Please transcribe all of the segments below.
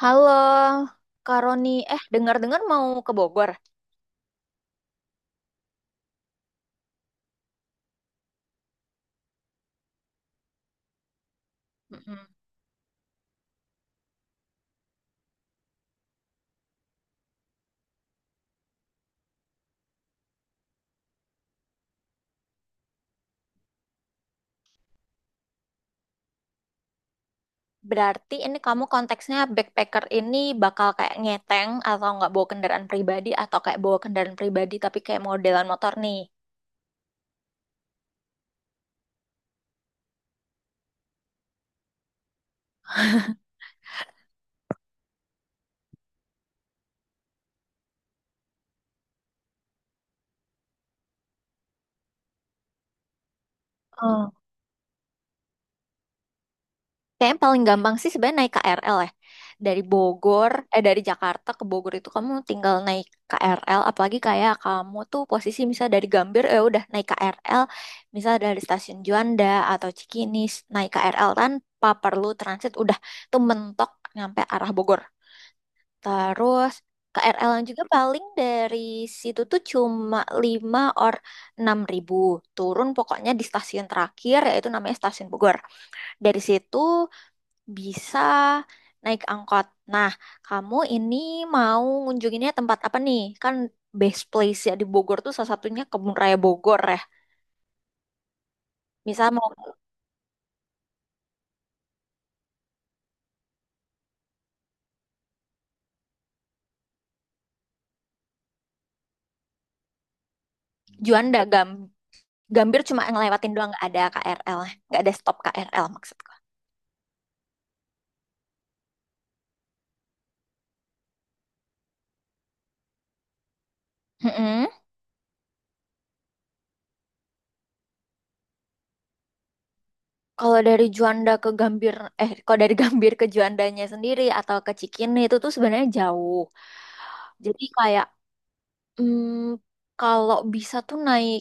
Halo, Kak Roni. Eh, dengar-dengar mau ke Bogor. Mm-mm. Berarti ini kamu konteksnya backpacker ini bakal kayak ngeteng atau nggak bawa kendaraan pribadi atau kayak bawa kendaraan pribadi tapi kayak modelan motor nih. Kayaknya paling gampang sih sebenarnya naik KRL ya. Dari Jakarta ke Bogor itu kamu tinggal naik KRL. Apalagi kayak kamu tuh posisi misal dari Gambir, ya udah naik KRL. Misal dari stasiun Juanda atau Cikinis, naik KRL tanpa perlu transit, udah tuh mentok nyampe arah Bogor. Terus KRL yang juga paling dari situ tuh cuma 5 or 6 ribu. Turun pokoknya di stasiun terakhir, yaitu namanya stasiun Bogor. Dari situ bisa naik angkot. Nah, kamu ini mau ngunjunginnya tempat apa nih? Kan best place ya di Bogor tuh salah satunya Kebun Raya Bogor ya. Misal mau Juanda, Gambir cuma ngelewatin doang, nggak ada KRL, nggak ada stop KRL maksudku. Mm-mm. Kalau dari Juanda ke Gambir, Kalau dari Gambir ke Juandanya sendiri atau ke Cikini itu tuh sebenarnya jauh. Jadi kayak Hmm, kalau bisa tuh naik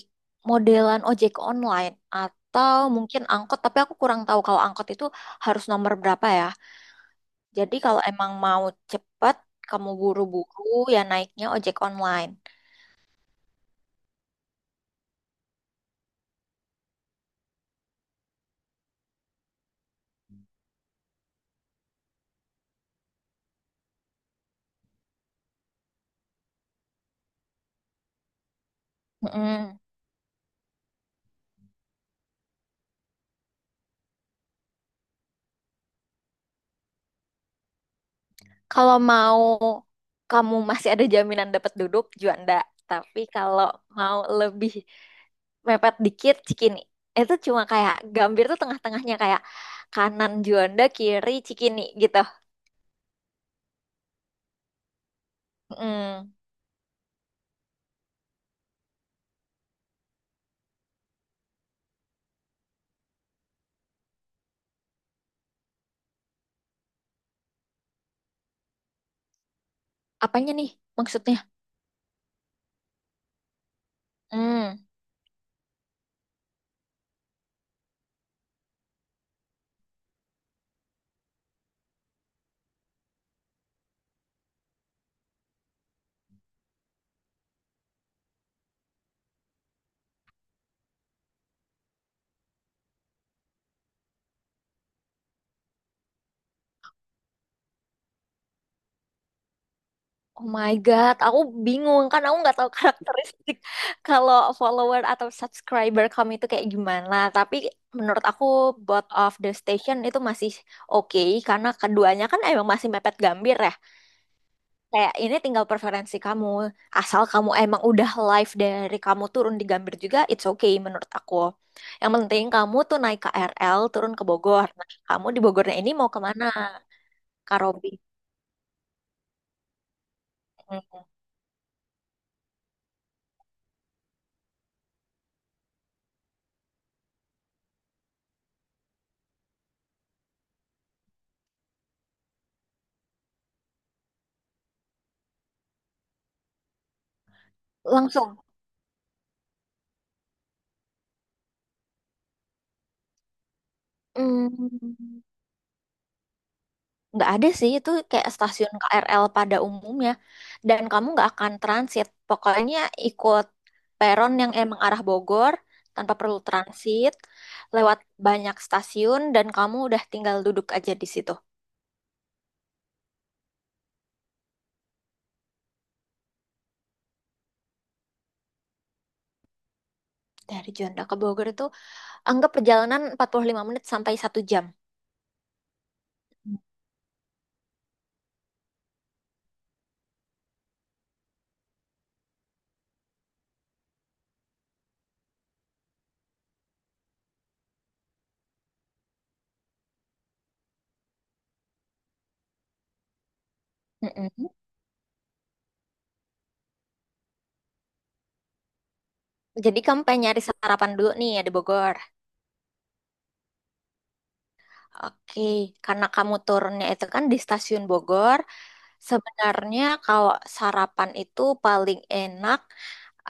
modelan ojek online atau mungkin angkot, tapi aku kurang tahu kalau angkot itu harus nomor berapa ya. Jadi kalau emang mau cepet, kamu buru-buru ya naiknya ojek online. Mm-mm. Kalau mau kamu masih ada jaminan dapat duduk, Juanda. Tapi kalau mau lebih mepet dikit, Cikini. Itu cuma kayak Gambir tuh tengah-tengahnya kayak kanan Juanda, kiri Cikini gitu. Mm. Apanya nih maksudnya? Hmm. Oh my God, aku bingung kan aku nggak tahu karakteristik kalau follower atau subscriber kamu itu kayak gimana. Tapi menurut aku both of the station itu masih oke karena keduanya kan emang masih mepet Gambir ya. Kayak ini tinggal preferensi kamu. Asal kamu emang udah live dari kamu turun di Gambir juga, it's okay menurut aku. Yang penting kamu tuh naik KRL turun ke Bogor. Nah, kamu di Bogornya ini mau kemana, Kak Robi? Hmm. Langsung Hmm, nggak ada sih, itu kayak stasiun KRL pada umumnya, dan kamu nggak akan transit pokoknya, ikut peron yang emang arah Bogor tanpa perlu transit lewat banyak stasiun, dan kamu udah tinggal duduk aja di situ. Dari Juanda ke Bogor itu anggap perjalanan 45 menit sampai 1 jam. Mm-mm. Jadi kamu pengen nyari sarapan dulu nih ya di Bogor. Oke, karena kamu turunnya itu kan di stasiun Bogor, sebenarnya kalau sarapan itu paling enak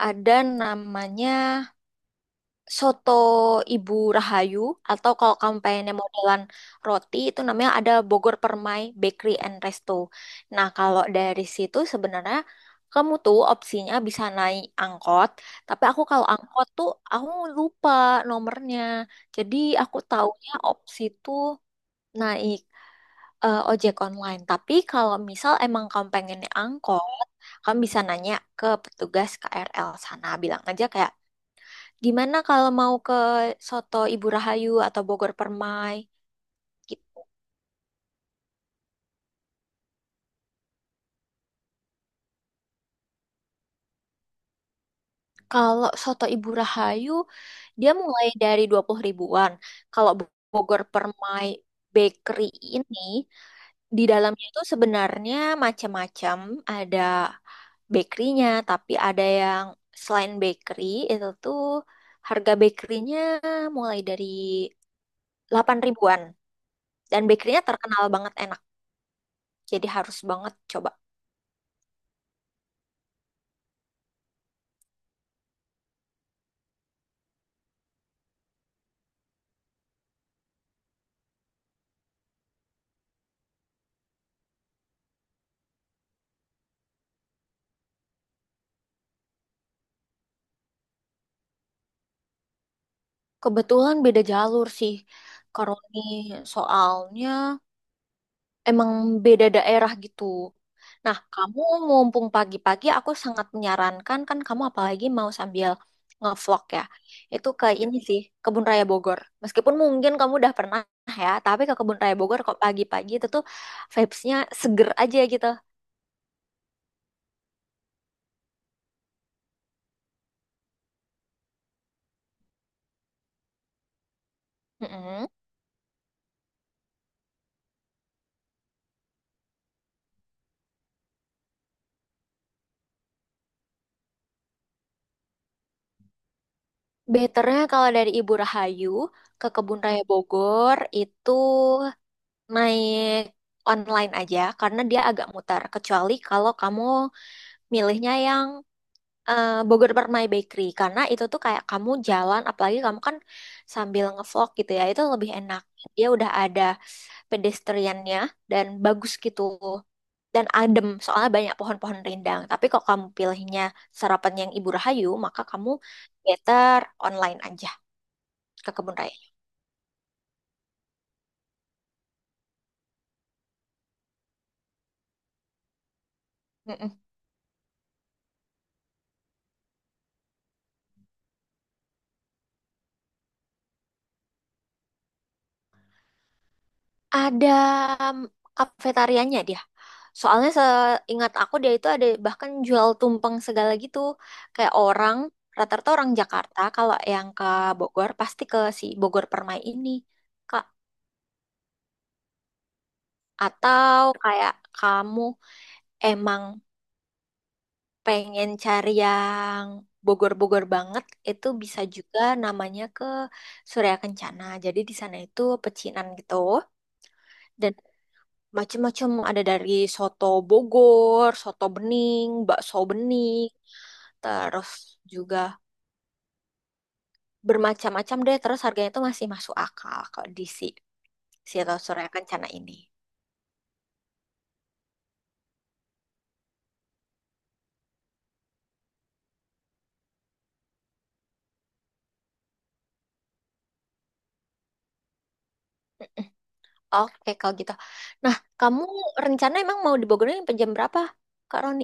ada namanya soto Ibu Rahayu, atau kalau kamu pengennya modelan roti itu namanya ada Bogor Permai Bakery and Resto. Nah, kalau dari situ sebenarnya kamu tuh opsinya bisa naik angkot, tapi aku kalau angkot tuh aku lupa nomornya. Jadi aku taunya opsi tuh naik ojek online. Tapi kalau misal emang kamu pengennya angkot, kamu bisa nanya ke petugas KRL sana. Bilang aja kayak, gimana kalau mau ke Soto Ibu Rahayu atau Bogor Permai? Gi- Kalau Soto Ibu Rahayu, dia mulai dari 20 ribuan. Kalau Bogor Permai Bakery ini, di dalamnya itu sebenarnya macam-macam. Ada bakerynya, tapi ada yang selain bakery, itu tuh harga bakerynya mulai dari 8 ribuan. Dan bakerynya terkenal banget enak, jadi harus banget coba. Kebetulan beda jalur sih, Karoni, soalnya emang beda daerah gitu. Nah, kamu mumpung pagi-pagi, aku sangat menyarankan kan kamu apalagi mau sambil ngevlog ya. Itu ke ini sih, Kebun Raya Bogor. Meskipun mungkin kamu udah pernah ya, tapi ke Kebun Raya Bogor kok pagi-pagi itu tuh vibes-nya seger aja gitu. Mm-mm. Betternya kalau dari Ibu Rahayu ke Kebun Raya Bogor itu naik online aja karena dia agak mutar. Kecuali kalau kamu milihnya yang Bogor Permai Bakery, karena itu tuh kayak kamu jalan, apalagi kamu kan sambil ngevlog gitu ya, itu lebih enak, dia udah ada pedestriannya dan bagus gitu dan adem soalnya banyak pohon-pohon rindang. Tapi kok kamu pilihnya sarapan yang Ibu Rahayu, maka kamu better online aja ke kebun raya. Ada kafetarianya dia. Soalnya seingat aku, dia itu ada bahkan jual tumpeng segala gitu. Kayak orang, rata-rata orang Jakarta kalau yang ke Bogor pasti ke si Bogor Permai ini, Kak. Atau kayak kamu emang pengen cari yang Bogor-Bogor banget, itu bisa juga namanya ke Surya Kencana. Jadi di sana itu pecinan gitu. Dan macem-macem ada dari soto Bogor, soto bening, bakso bening, terus juga bermacam-macam deh. Terus harganya itu masih masuk akal kalau di si si Soto Surya Kencana ini. Mm-mm. Oke, kalau gitu. Nah, kamu rencana emang mau di Bogornya sampai jam berapa, Kak Roni?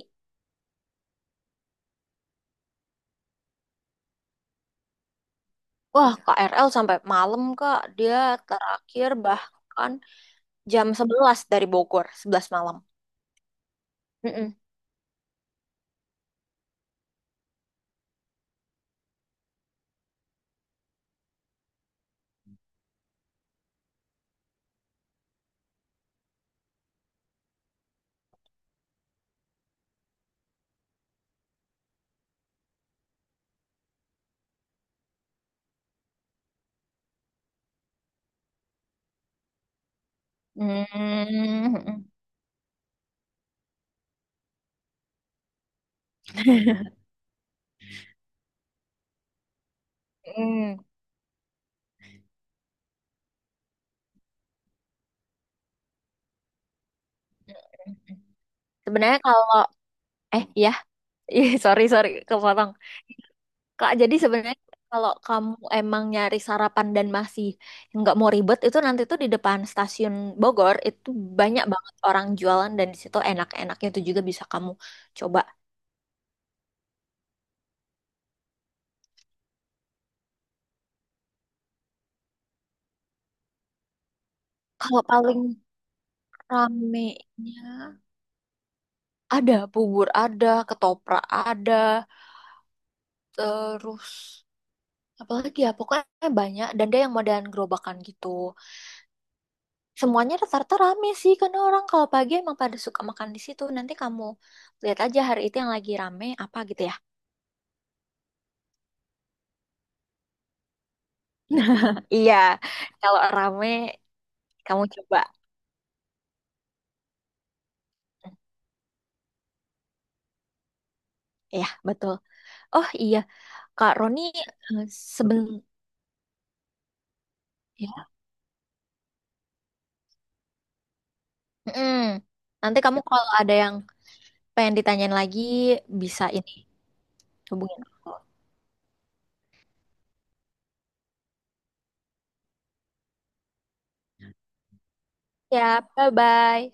Wah, KRL sampai malam, Kak. Dia terakhir bahkan jam 11 dari Bogor, 11 malam. Mm-mm. Mm-mm. Mm. Sebenarnya kalau. Eh, ya, ih, sorry, sorry, kepotong. Kak, jadi sebenarnya kalau kamu emang nyari sarapan dan masih nggak mau ribet, itu nanti tuh di depan stasiun Bogor itu banyak banget orang jualan dan di situ enak-enaknya itu juga bisa kamu coba. Kalau paling ramenya ada bubur ada, ketoprak ada, terus apalagi ya pokoknya banyak dan dia yang modelan gerobakan gitu. Semuanya rata-rata rame sih, karena orang kalau pagi emang pada suka makan di situ. Nanti kamu lihat aja hari itu yang lagi rame apa gitu ya. Iya, kalau rame kamu coba. Iya, betul. Oh iya, Kak Roni, eh, sebelum ya. Mm-mm. Nanti kamu kalau ada yang pengen ditanyain lagi bisa ini hubungin aku. Ya, bye-bye.